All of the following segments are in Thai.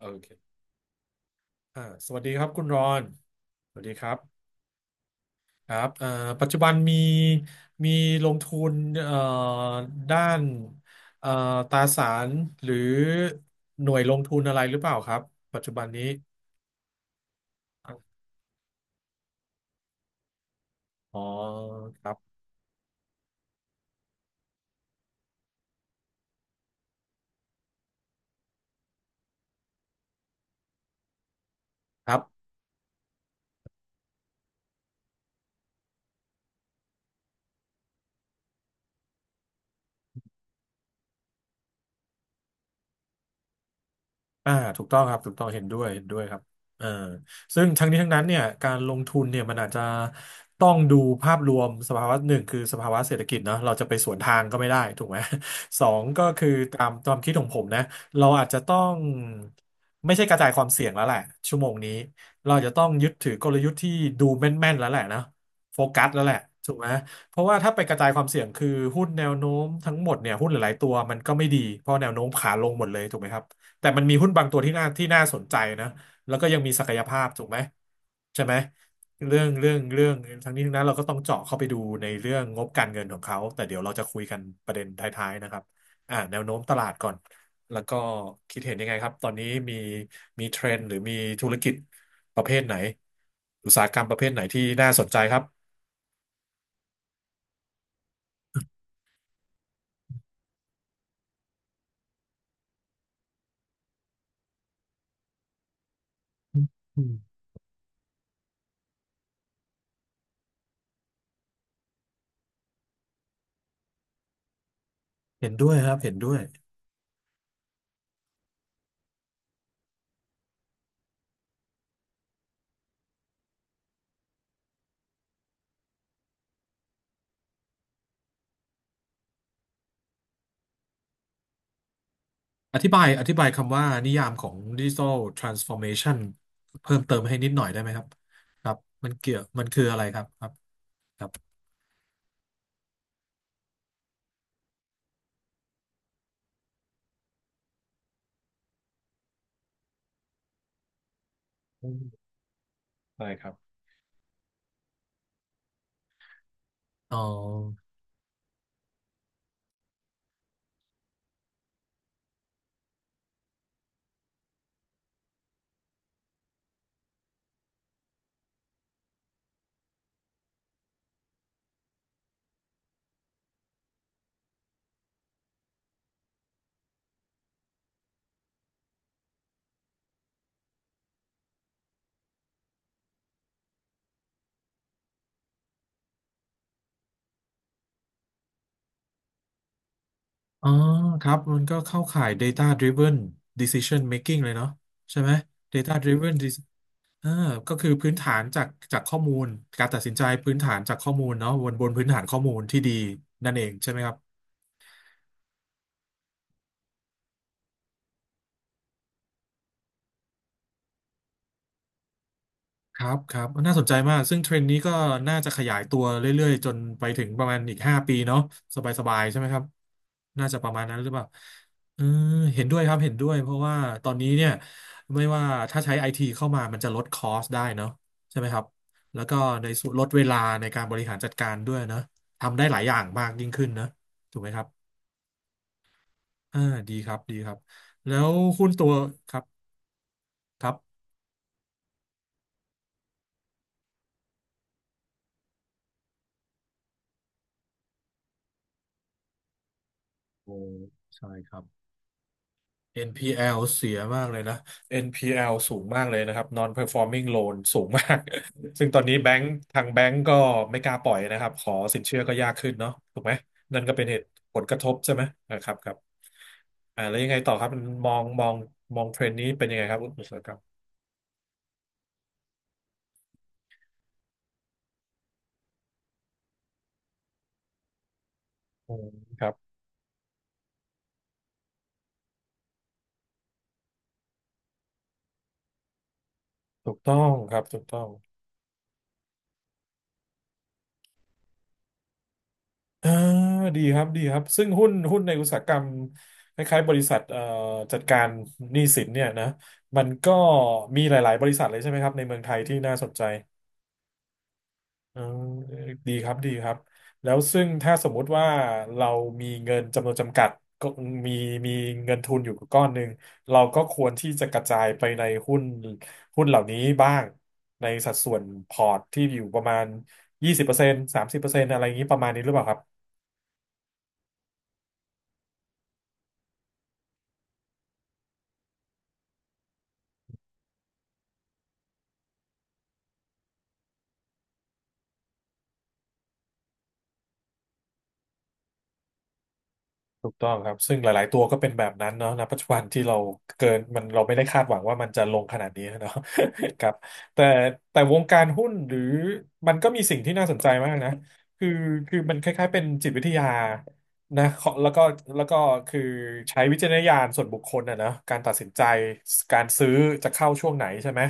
โอเคสวัสดีครับคุณรอนสวัสดีครับครับปัจจุบันมีลงทุนเอ่อด้านเอ่อตราสารหรือหน่วยลงทุนอะไรหรือเปล่าครับ ปัจจุบันนี้อ๋อครับครับ อ่าถูกต้องครับถูกต้องเห็นด้วยเห็นด้วยครับเออซึ่งทั้งนี้ทั้งนั้นเนี่ยการลงทุนเนี่ยมันอาจจะต้องดูภาพรวมสภาวะหนึ่งคือสภาวะเศรษฐกิจเนาะเราจะไปสวนทางก็ไม่ได้ถูกไหม สองก็คือตามความคิดของผมนะเราอาจจะต้องไม่ใช่กระจายความเสี่ยงแล้วแหละชั่วโมงนี้เราจะต้องยึดถือกลยุทธ์ที่ดูแม่นๆแล้วแหละนะโฟกัสแล้วแหละถูกไหมเพราะว่าถ้าไปกระจายความเสี่ยงคือหุ้นแนวโน้มทั้งหมดเนี่ยหุ้นหลายๆตัวมันก็ไม่ดี เพราะแนวโน้มขาลงหมดเลยถูกไหมครับ แต่มันมีหุ้นบางตัวที่น่าสนใจนะแล้วก็ยังมีศักยภาพถูกไหมใช่ไหมเรื่องทั้งนี้ทั้งนั้นเราก็ต้องเจาะเข้าไปดูในเรื่องงบการเงินของเขาแต่เดี๋ยวเราจะคุยกันประเด็นท้ายๆนะครับแนวโน้มตลาดก่อนแล้วก็คิดเห็นยังไงครับตอนนี้มีมีเทรนด์หรือมีธุรกิจประเภทไหนอุตสาหกรรมประเภทไหนที่น่าสนใจครับอืมเห็นด้วยครับเห็นด้วย อธิบายคำว่านิยามของดิจิ t a ลทรานส์ฟอร์เมชันเพิ่มเติมให้นิดหน่อยได้ไหมครับครับมันเกี่ยวมันคืออะไรครับครับครับอืมได้ครับอ๋ออ๋อครับมันก็เข้าข่าย Data Driven Decision Making เลยเนาะใช่ไหม Data Driven Dec- เออก็คือพื้นฐานจากจากข้อมูลการตัดสินใจพื้นฐานจากข้อมูลเนาะบนบนพื้นฐานข้อมูลที่ดีนั่นเองใช่ไหมครับ ครับครับน่าสนใจมากซึ่งเทรนด์นี้ก็น่าจะขยายตัวเรื่อยๆจนไปถึงประมาณอีก5 ปีเนาะสบายๆใช่ไหมครับน่าจะประมาณนั้นหรือเปล่าเออเห็นด้วยครับเห็นด้วยเพราะว่าตอนนี้เนี่ยไม่ว่าถ้าใช้ไอทีเข้ามามันจะลดคอสได้เนาะใช่ไหมครับแล้วก็ในส่วนลดเวลาในการบริหารจัดการด้วยเนาะทำได้หลายอย่างมากยิ่งขึ้นนะถูกไหมครับอ่าดีครับดีครับแล้วคุณตัวครับครับโอ้ใช่ครับ NPL เสียมากเลยนะ NPL สูงมากเลยนะครับ Non-performing loan สูงมาก ซึ่งตอนนี้แบงค์ทางแบงค์ก็ไม่กล้าปล่อยนะครับขอสินเชื่อก็ยากขึ้นเนาะถูกไหมนั่นก็เป็นเหตุผลกระทบใช่ไหมนะครับครับแล้วยังไงต่อครับมันมองเทรนด์นี้เป็นยังไงครับอุตสาหกรรมอืมครับถูกต้องครับถูกต้อง อ่าดีครับดีครับซึ่งหุ้นในอุตสาหกรรมคล้ายๆบริษัทจัดการหนี้สินเนี่ยนะมันก็มีหลายๆบริษัทเลยใช่ไหมครับในเมืองไทยที่น่าสนใจอ่าดีครับดีครับแล้วซึ่งถ้าสมมุติว่าเรามีเงินจำนวนจำกัดก็มีมีเงินทุนอยู่ก้อนหนึ่งเราก็ควรที่จะกระจายไปในหุ้นเหล่านี้บ้างในสัดส่วนพอร์ตที่อยู่ประมาณ20%30%อะไรอย่างนี้ประมาณนี้หรือเปล่าครับ ถูกต้องครับซึ่งหลายๆตัวก็เป็นแบบนั้นเนาะณปัจจุบันที่เราเกินมันเราไม่ได้คาดหวังว่ามันจะลงขนาดนี้เนาะ ครับแต่แต่วงการหุ้นหรือมันก็มีสิ่งที่น่าสนใจมากนะคือคือมันคล้ายๆเป็นจิตวิทยานะขอแล้วก็แล้วก็คือใช้วิจารณญาณส่วนบุคคลอะนะการตัดสินใจการซื้อจะเข้าช่วงไหนใช่ไหม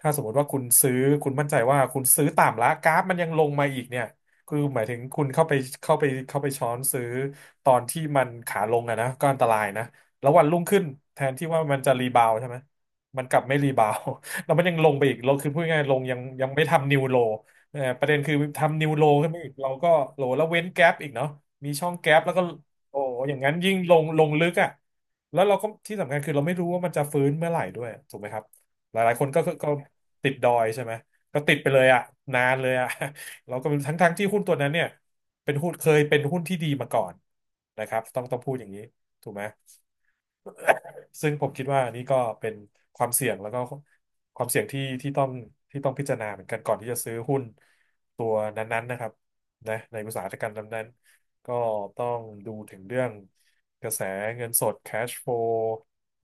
ถ้าสมมติว่าคุณซื้อคุณมั่นใจว่าคุณซื้อต่ำแล้วกราฟมันยังลงมาอีกเนี่ย คือหมายถึงคุณเข้าไปช้อนซื้อตอนที่มันขาลงอะนะก็อันตรายนะแล้ววันรุ่งขึ้นแทนที่ว่ามันจะรีบาวด์ใช่ไหมมันกลับไม่รีบาวด์ แล้วมันยังลงไปอีกลงคือพูดง่ายๆลงยังยังไม่ทำนิวโลประเด็นคือทำนิวโลขึ้นมาอีกเราก็โลแล้วเว้นแก๊ปอีกเนาะมีช่องแก๊ปแล้วก็โอ้อย่างนั้นยิ่งลงลงลึกอะแล้วเราก็ที่สำคัญคือเราไม่รู้ว่ามันจะฟื้นเมื่อไหร่ด้วยถูกไหมครับหลายๆคนก็ติดดอยใช่ไหมก็ติดไปเลยอะนานเลยอะ เราก็เป็นทั้งที่หุ้นตัวนั้นเนี่ยเป็นหุ้นเคยเป็นหุ้นที่ดีมาก่อนนะครับต้องพูดอย่างนี้ถูกไหม ซึ่งผมคิดว่าอันนี้ก็เป็นความเสี่ยงแล้วก็ความเสี่ยงที่ต้องที่ต้องพิจารณาเหมือนกันก่อนที่จะซื้อหุ้นตัวนั้นๆนะครับนะในอุตสาหกรรมนั้นๆก็ต้องดูถึงเรื่องกระแสเงินสด cash flow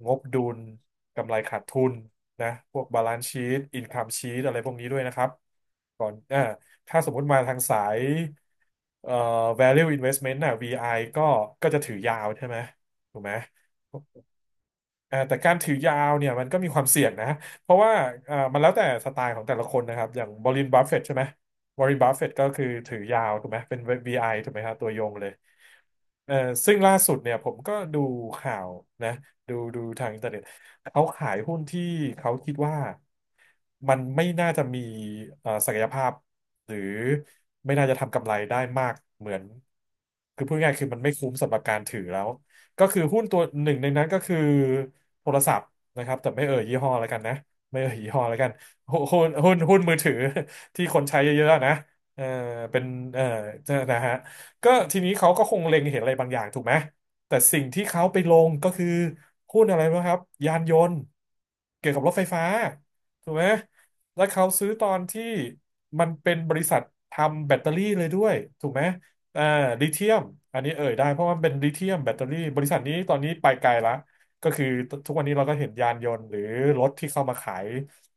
งบดุลกำไรขาดทุนนะพวก balance sheet income sheet อะไรพวกนี้ด้วยนะครับก่อนอ่าถ้าสมมุติมาทางสายเอ่อ value investment น่ะ VI ก็ก็จะถือยาวใช่ไหมถูกไหม อ่าแต่การถือยาวเนี่ยมันก็มีความเสี่ยงนะเพราะว่าอ่ามันแล้วแต่สไตล์ของแต่ละคนนะครับอย่างวอร์เรนบัฟเฟตใช่ไหมวอร์เรนบัฟเฟตก็คือถือยาวถูกไหมเป็น VI ถูกไหมครับตัวยงเลยเอ่อซึ่งล่าสุดเนี่ยผมก็ดูข่าวนะดูทางอินเทอร์เน็ตเขาขายหุ้นที่เขาคิดว่ามันไม่น่าจะมีศักยภาพหรือไม่น่าจะทำกำไรได้มากเหมือนคือพูดง่ายๆคือมันไม่คุ้มสำหรับการถือแล้ว ก็คือหุ้นตัวหนึ่งในนั้นก็คือโทรศัพท์นะครับแต่ไม่เอ่ยยี่ห้อแล้วกันนะไม่เอ่ยยี่ห้อแล้วกันหุ้นมือถือ ที่คนใช้เยอะๆนะเออเป็นเออนะฮะก็ทีนี้เขาก็คงเล็งเห็นอะไรบางอย่างถูกไหมแต่สิ่งที่เขาไปลงก็คือหุ้นอะไรนะครับยานยนต์เกี่ยวกับรถไฟฟ้าถูกไหมแล้วเขาซื้อตอนที่มันเป็นบริษัททำแบตเตอรี่เลยด้วยถูกไหม อ่าลิเธียมอันนี้เอ่ยได้เพราะว่าเป็นลิเธียมแบตเตอรี่บริษัทนี้ตอนนี้ไปไกลละก็คือทุกวันนี้เราก็เห็นยานยนต์หรือรถที่เข้ามาขาย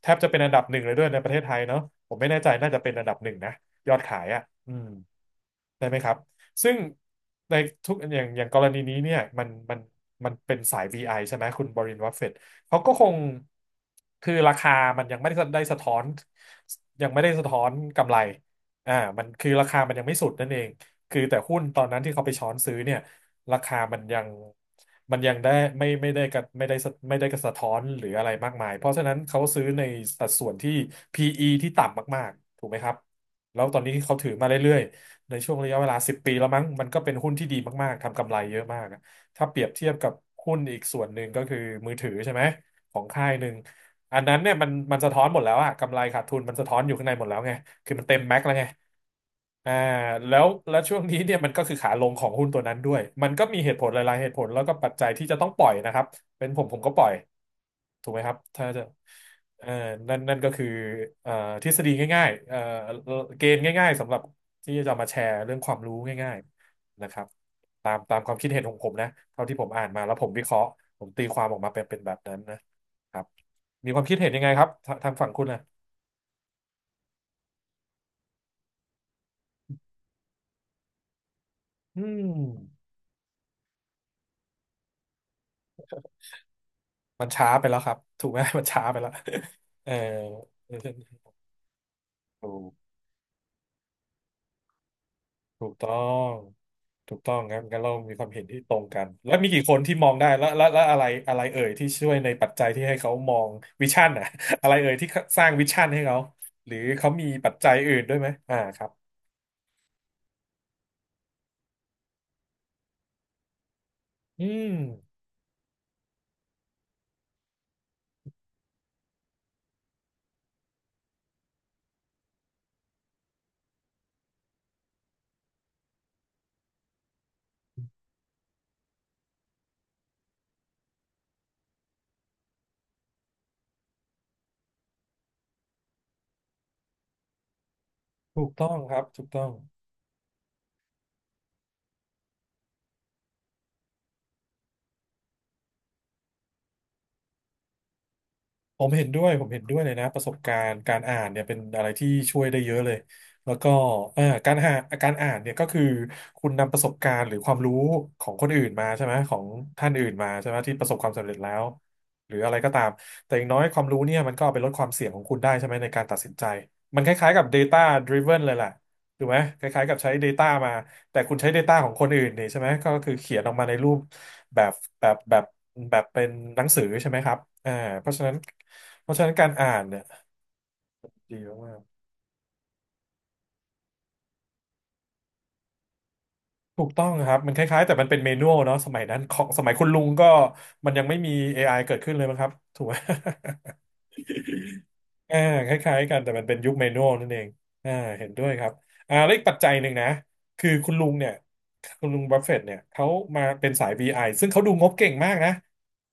แทบจะเป็นอันดับหนึ่งเลยด้วยในประเทศไทยเนาะผมไม่แน่ใจน่าจะเป็นอันดับหนึ่งนะยอดขายอ่ะอืม ได้ไหมครับ ซึ่งในทุกอย่างอย่างกรณีนี้เนี่ยมันมันเป็นสาย VI ใช่ไหมคุณบรินวัฟเฟตเขาก็คงคือราคามันยังไม่ได้สะท้อนยังไม่ได้สะท้อนกำไรอ่ามันคือราคามันยังไม่สุดนั่นเอง คือแต่หุ้นตอนนั้นที่เขาไปช้อนซื้อเนี่ยราคามันยังมันยังได้ไม่ได้กับไม่ได้สะไม่ได้กระสะท้อนหรืออะไรมากมายเพราะฉะนั้นเขาซื้อในสัดส่วนที่ PE ที่ต่ำมากๆถูกไหมครับแล้วตอนนี้เขาถือมาเรื่อย ในช่วงระยะเวลา10 ปีแล้วมั้งมันก็เป็นหุ้นที่ดีมากๆทำกำไรเยอะมากอะถ้าเปรียบเทียบกับหุ้นอีกส่วนหนึ่งก็คือมือถือใช่ไหมของค่ายหนึ่งอันนั้นเนี่ยมันสะท้อนหมดแล้วอะกำไรขาดทุนมันสะท้อนอยู่ข้างในหมดแล้วไงคือมันเต็มแม็กซ์แล้วไงอ่าแล้วช่วงนี้เนี่ยมันก็คือขาลงของหุ้นตัวนั้นด้วยมันก็มีเหตุผลหลายๆเหตุผลแล้วก็ปัจจัยที่จะต้องปล่อยนะครับ เป็นผมก็ปล่อยถูกไหมครับถ้าจะเอ่อนั่นก็คือเอ่อทฤษฎีง่ายๆเกณฑ์ง่ายๆสำหรับที่จะมาแชร์เรื่องความรู้ง่ายๆนะครับตามความคิดเห็นของผมนะเท่าที่ผมอ่านมาแล้วผมวิเคราะห์ผมตีความออกมาเป็นเป็นแบบนั้นนะครับมีความคิดเห็นยังไงครับทางฝั่งคุณนะอืมมันช้าไปแล้วครับถูกไหม มันช้าไปแล้วเออถูก ถูกต้อง ถูกต้องครับงั้นเรามีความเห็นที่ตรงกัน แล้วมีกี่คนที่มองได้แล้วอะไรอะไรเอ่ยที่ช่วยในปัจจัยที่ให้เขามองวิชั่นอะ อะไรเอ่ยที่สร้างวิชั่นให้เขาหรือเขามีปัจจัยอื่นด้วยไหมอ่าครับอืมถูกต้องครับ ถูกต้อง ผมเห็นด้วย ผมเห็นด้วยเลยนะประสบการณ์การอ่านเนี่ยเป็นอะไรที่ช่วยได้เยอะเลยแล้วก็การหาการอ่านเนี่ยก็คือคุณนำประสบการณ์หรือความรู้ของคนอื่นมาใช่ไหมของท่านอื่นมาใช่ไหมที่ประสบความสำเร็จแล้วหรืออะไรก็ตามแต่อย่างน้อยความรู้เนี่ยมันก็เอาไปลดความเสี่ยงของคุณได้ใช่ไหมในการตัดสินใจมันคล้ายๆกับ Data Driven เลยแหละถูกไหมคล้ายๆกับใช้ Data มาแต่คุณใช้ Data ของคนอื่นนี่ใช่ไหมก็คือเขียนออกมาในรูป แบบแบบแบบเป็นหนังสือใช่ไหมครับอ่าเพราะฉะนั้นเพราะฉะนั้นการอ่านเนี่ยดีมากๆถูกต้องครับมันคล้ายๆแต่มันเป็นเมนูเนาะสมัยนั้นของสมัยคุณลุงก็มันยังไม่มี AI เกิดขึ้นเลยมั้งครับถูกไหม อ่าคล้ายๆกันแต่มันเป็นยุคเมนูนั่นเองอ่าเห็นด้วยครับอ่าแล้วอีกปัจจัยหนึ่งนะคือคุณลุงเนี่ยคุณลุงบัฟเฟตต์เนี่ยเขามาเป็นสาย BI ซึ่งเขาดูงบเก่งมากนะ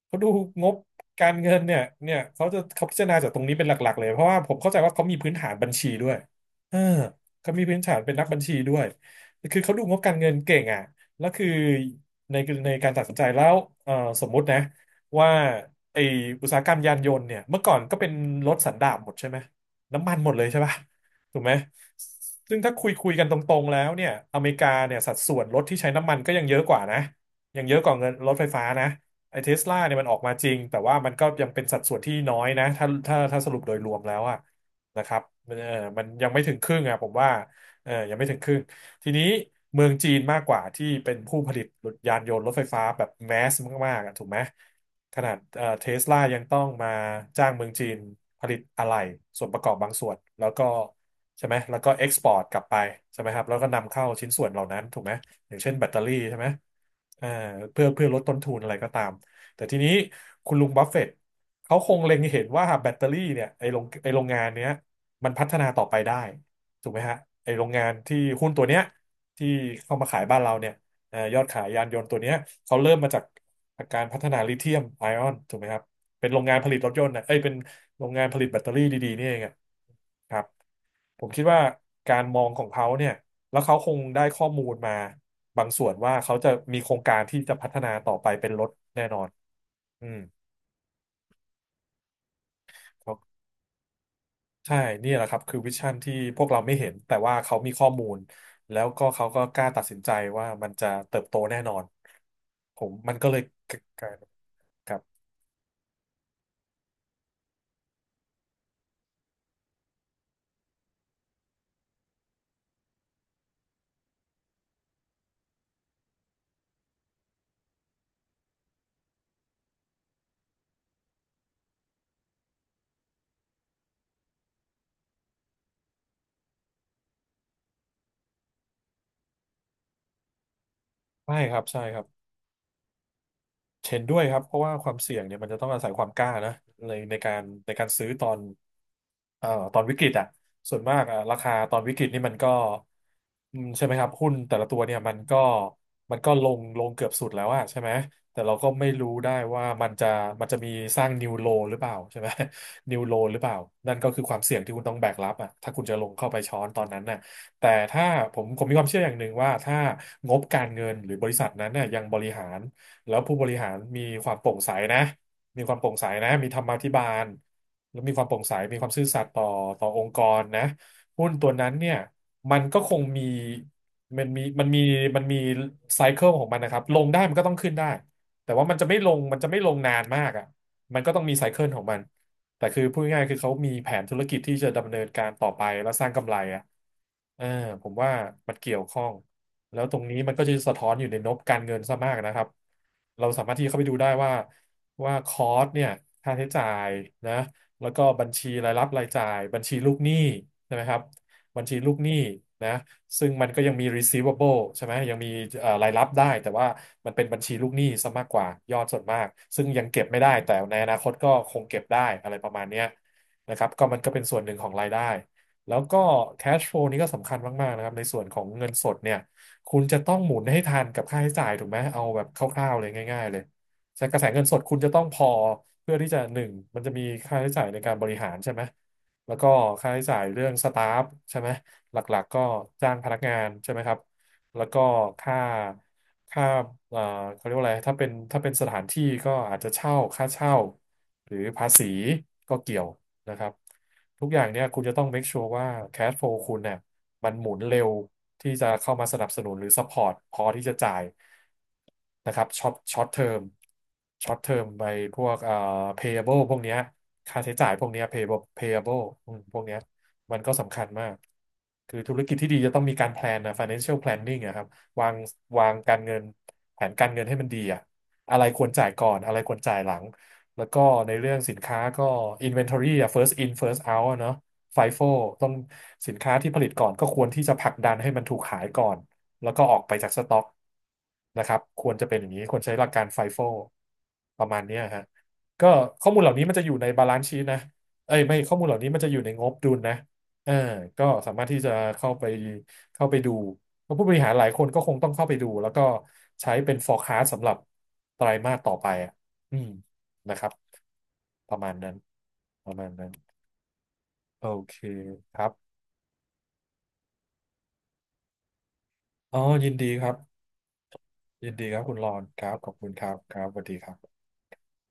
เขาดูงบการเงินเนี่ยเขาพิจารณาจากตรงนี้เป็นหลักๆเลยเพราะว่าผมเข้าใจว่าเขามีพื้นฐานบัญชีด้วยเออเขามีพื้นฐานเป็นนักบัญชีด้วยคือเขาดูงบการเงินเก่งอ่ะแล้วคือในในการตัดสินใจแล้วเออสมมุตินะว่า ไออุตสาหกรรมยานยนต์เนี่ยเมื่อก่อนก็เป็นรถสันดาปหมดใช่ไหมน้ำมันหมดเลยใช่ป่ะถูกไหมซึ่งถ้าคุยกันตรงๆแล้วเนี่ยอเมริกาเนี่ยสัดส่วนรถที่ใช้น้ำมันก็ยังเยอะกว่านะยังเยอะกว่าเงินรถไฟฟ้านะไอเทสลาเนี่ยมันออกมาจริงแต่ว่ามันก็ยังเป็นสัดส่วนที่น้อยนะถ้าสรุปโดยรวมแล้วอะนะครับมันเออมันยังไม่ถึงครึ่งอะผมว่า เออยังไม่ถึงครึ่ง ทีนี้เมืองจีนมากกว่าที่เป็นผู้ผลิตยานยนต์รถไฟฟ้าแบบแมสมากๆอะถูกไหมขนาดเทสลายังต้องมาจ้างเมืองจีนผลิตอะไหล่ส่วนประกอบบางส่วนแล้วก็ใช่ไหมแล้วก็เอ็กซ์พอร์ตกลับไปใช่ไหมครับแล้วก็นำเข้าชิ้นส่วนเหล่านั้นถูกไหมอย่างเช่นแบตเตอรี่ใช่ไหมเอ่อเพื่อลดต้นทุนอะไรก็ตามแต่ทีนี้คุณลุงบัฟเฟตต์เขาคงเล็งเห็นว่าแบตเตอรี่เนี่ยไอโรงงานเนี้ยมันพัฒนาต่อไปได้ ถูกไหมฮะไอโรงงานที่หุ้นตัวเนี้ยที่เข้ามาขายบ้านเราเนี่ยยอดขายยานยนต์ตัวเนี้ยเขาเริ่มมาจากการพัฒนาลิเธียมไอออนถูกไหมครับเป็นโรงงานผลิตรถยนต์นะเอ้ยเป็นโรงงานผลิตแบตเตอรี่ดีๆนี่เองอะครับผมคิดว่าการมองของเขาเนี่ยแล้วเขาคงได้ข้อมูลมาบางส่วนว่าเขาจะมีโครงการที่จะพัฒนาต่อไปเป็นรถแน่นอนอืม ใช่ นี่แหละครับ คือวิชั่นที่พวกเราไม่เห็น แต่ว่าเขามีข้อมูล แล้วก็เขาก็กล้าตัดสินใจว่ามันจะเติบโตแน่นอน ผมมันก็เลยกลายเป็นครับใช่ครับ ใช่ครับ เห็นด้วยครับเพราะว่าความเสี่ยงเนี่ยมันจะต้องอาศัยความกล้านะในการซื้อตอนเอ่อตอนวิกฤตอ่ะส่วนมากอ่ะราคาตอนวิกฤตนี่มันก็อืมใช่ไหมครับหุ้นแต่ละตัวเนี่ยมันก็ลงเกือบสุดแล้วอะใช่ไหมแต่เราก็ไม่รู้ได้ว่ามันจะมีสร้างนิวโลหรือเปล่าใช่ไหม นิวโลหรือเปล่านั่นก็คือความเสี่ยงที่คุณต้องแบกรับอ่ะถ้าคุณจะลงเข้าไปช้อนตอนนั้นน่ะแต่ถ้าผมมีความเชื่ออย่างหนึ่งว่าถ้างบการเงินหรือบริษัทนั้นเนี่ยยังบริหาร แล้วผู้บริหารมีความโปร่งใสนะมีความโปร่งใสนะมีธรรมาภิบาลแล้วมีความโปร่งใสมีความซื่อสัตย์ต่อองค์กรนะหุ้นตัวนั้นเนี่ยมันก็คงมีมันมีมันมีมันมีไซเคิลของมันนะครับ ลงได้มันก็ต้องขึ้นได้ แต่ว่ามันจะไม่ลงนานมากอ่ะมันก็ต้องมีไซเคิลของมันแต่คือพูดง่ายๆคือเขามีแผนธุรกิจที่จะดำเนินการต่อไปแล้วสร้างกำไรอ่ะเออผมว่ามันเกี่ยวข้อง แล้วตรงนี้มันก็จะสะท้อนอยู่ในงบการเงินซะมากนะครับเราสามารถที่เข้าไปดูได้ว่าคอสเนี่ยค่าใช้จ่ายนะแล้วก็บัญชีรายรับรายจ่ายบัญชีลูกหนี้ใช่ไหมครับบัญชีลูกหนี้นะซึ่งมันก็ยังมี receivable ใช่ไหมยังมีรายรับได้แต่ว่ามันเป็นบัญชีลูกหนี้ซะมากกว่ายอดส่วนมากซึ่งยังเก็บไม่ได้แต่ในอนาคตก็คงเก็บได้อะไรประมาณเนี้ยนะครับก็มันก็เป็นส่วนหนึ่งของรายได้แล้วก็ cash flow นี่ก็สำคัญมากๆนะครับในส่วนของเงินสดเนี่ย คุณจะต้องหมุนให้ทันกับค่าใช้จ่ายถูกไหมเอาแบบคร่าวๆเลยง่ายๆเลยใช้กระแสเงินสดคุณจะต้องพอเพื่อที่จะหนึ่งมันจะมีค่าใช้จ่ายในการบริหารใช่ไหมแล้วก็ค่าใช้จ่ายเรื่องสตาฟใช่ไหมหลักๆก็จ้างพนักงานใช่ไหมครับแล้วก็ค่าค่าเอ่อเขาเรียกว่าอะไรถ้าเป็นสถานที่ก็อาจจะเช่าค่าเช่าหรือภาษีก็เกี่ยว นะครับทุกอย่างเนี่ยคุณจะต้อง make sure ว่า cash flow คุณเนี่ยมันหมุนเร็วที่จะเข้ามาสนับสนุนหรือ support พอที่จะจ่ายนะครับช็อตเทอมช็อตเทอมไปพวกpayable พวกเนี้ยค่าใช้จ่ายพวกเนี้ย payable อืมพวกเนี้ยมันก็สำคัญมากคือธุรกิจที่ดีจะต้องมีการ plan นนะ financial planning อะครับวางวางการเงินแผนการเงินให้มันดีอะอะไรควรจ่ายก่อนอะไรควรจ่ายหลัง แล้วก็ในเรื่องสินค้าก็ inventory อะ first in first out อะเนาะ FIFO ต้องสินค้าที่ผลิตก่อนก็ควรที่จะผลักดันให้มันถูกขายก่อนแล้วก็ออกไปจากสต็อกนะครับควรจะเป็นอย่างนี้ควรใช้หลักการ FIFO ประมาณเนี้ยฮะก็ข้อมูลเหล่านี้มันจะอยู่ในบาลานซ์ชี t นะเอ้ยไม่ข้อมูลเหล่านี้มันจะอยู่ในงบดุลนะเออก็สามารถที่จะเข้าไปเข้าไปดูเพราะผู้บริหารหลายคนก็คงต้องเข้าไปดูแล้วก็ใช้เป็น forecast สำหรับไตรมาสต่อไปอะอืมนะครับ ประมาณนั้นประมาณนั้นโอเคครับอ๋อยินดีครับยินดีครับคุณรอนครับขอบคุณครับครับสวัสดีครับ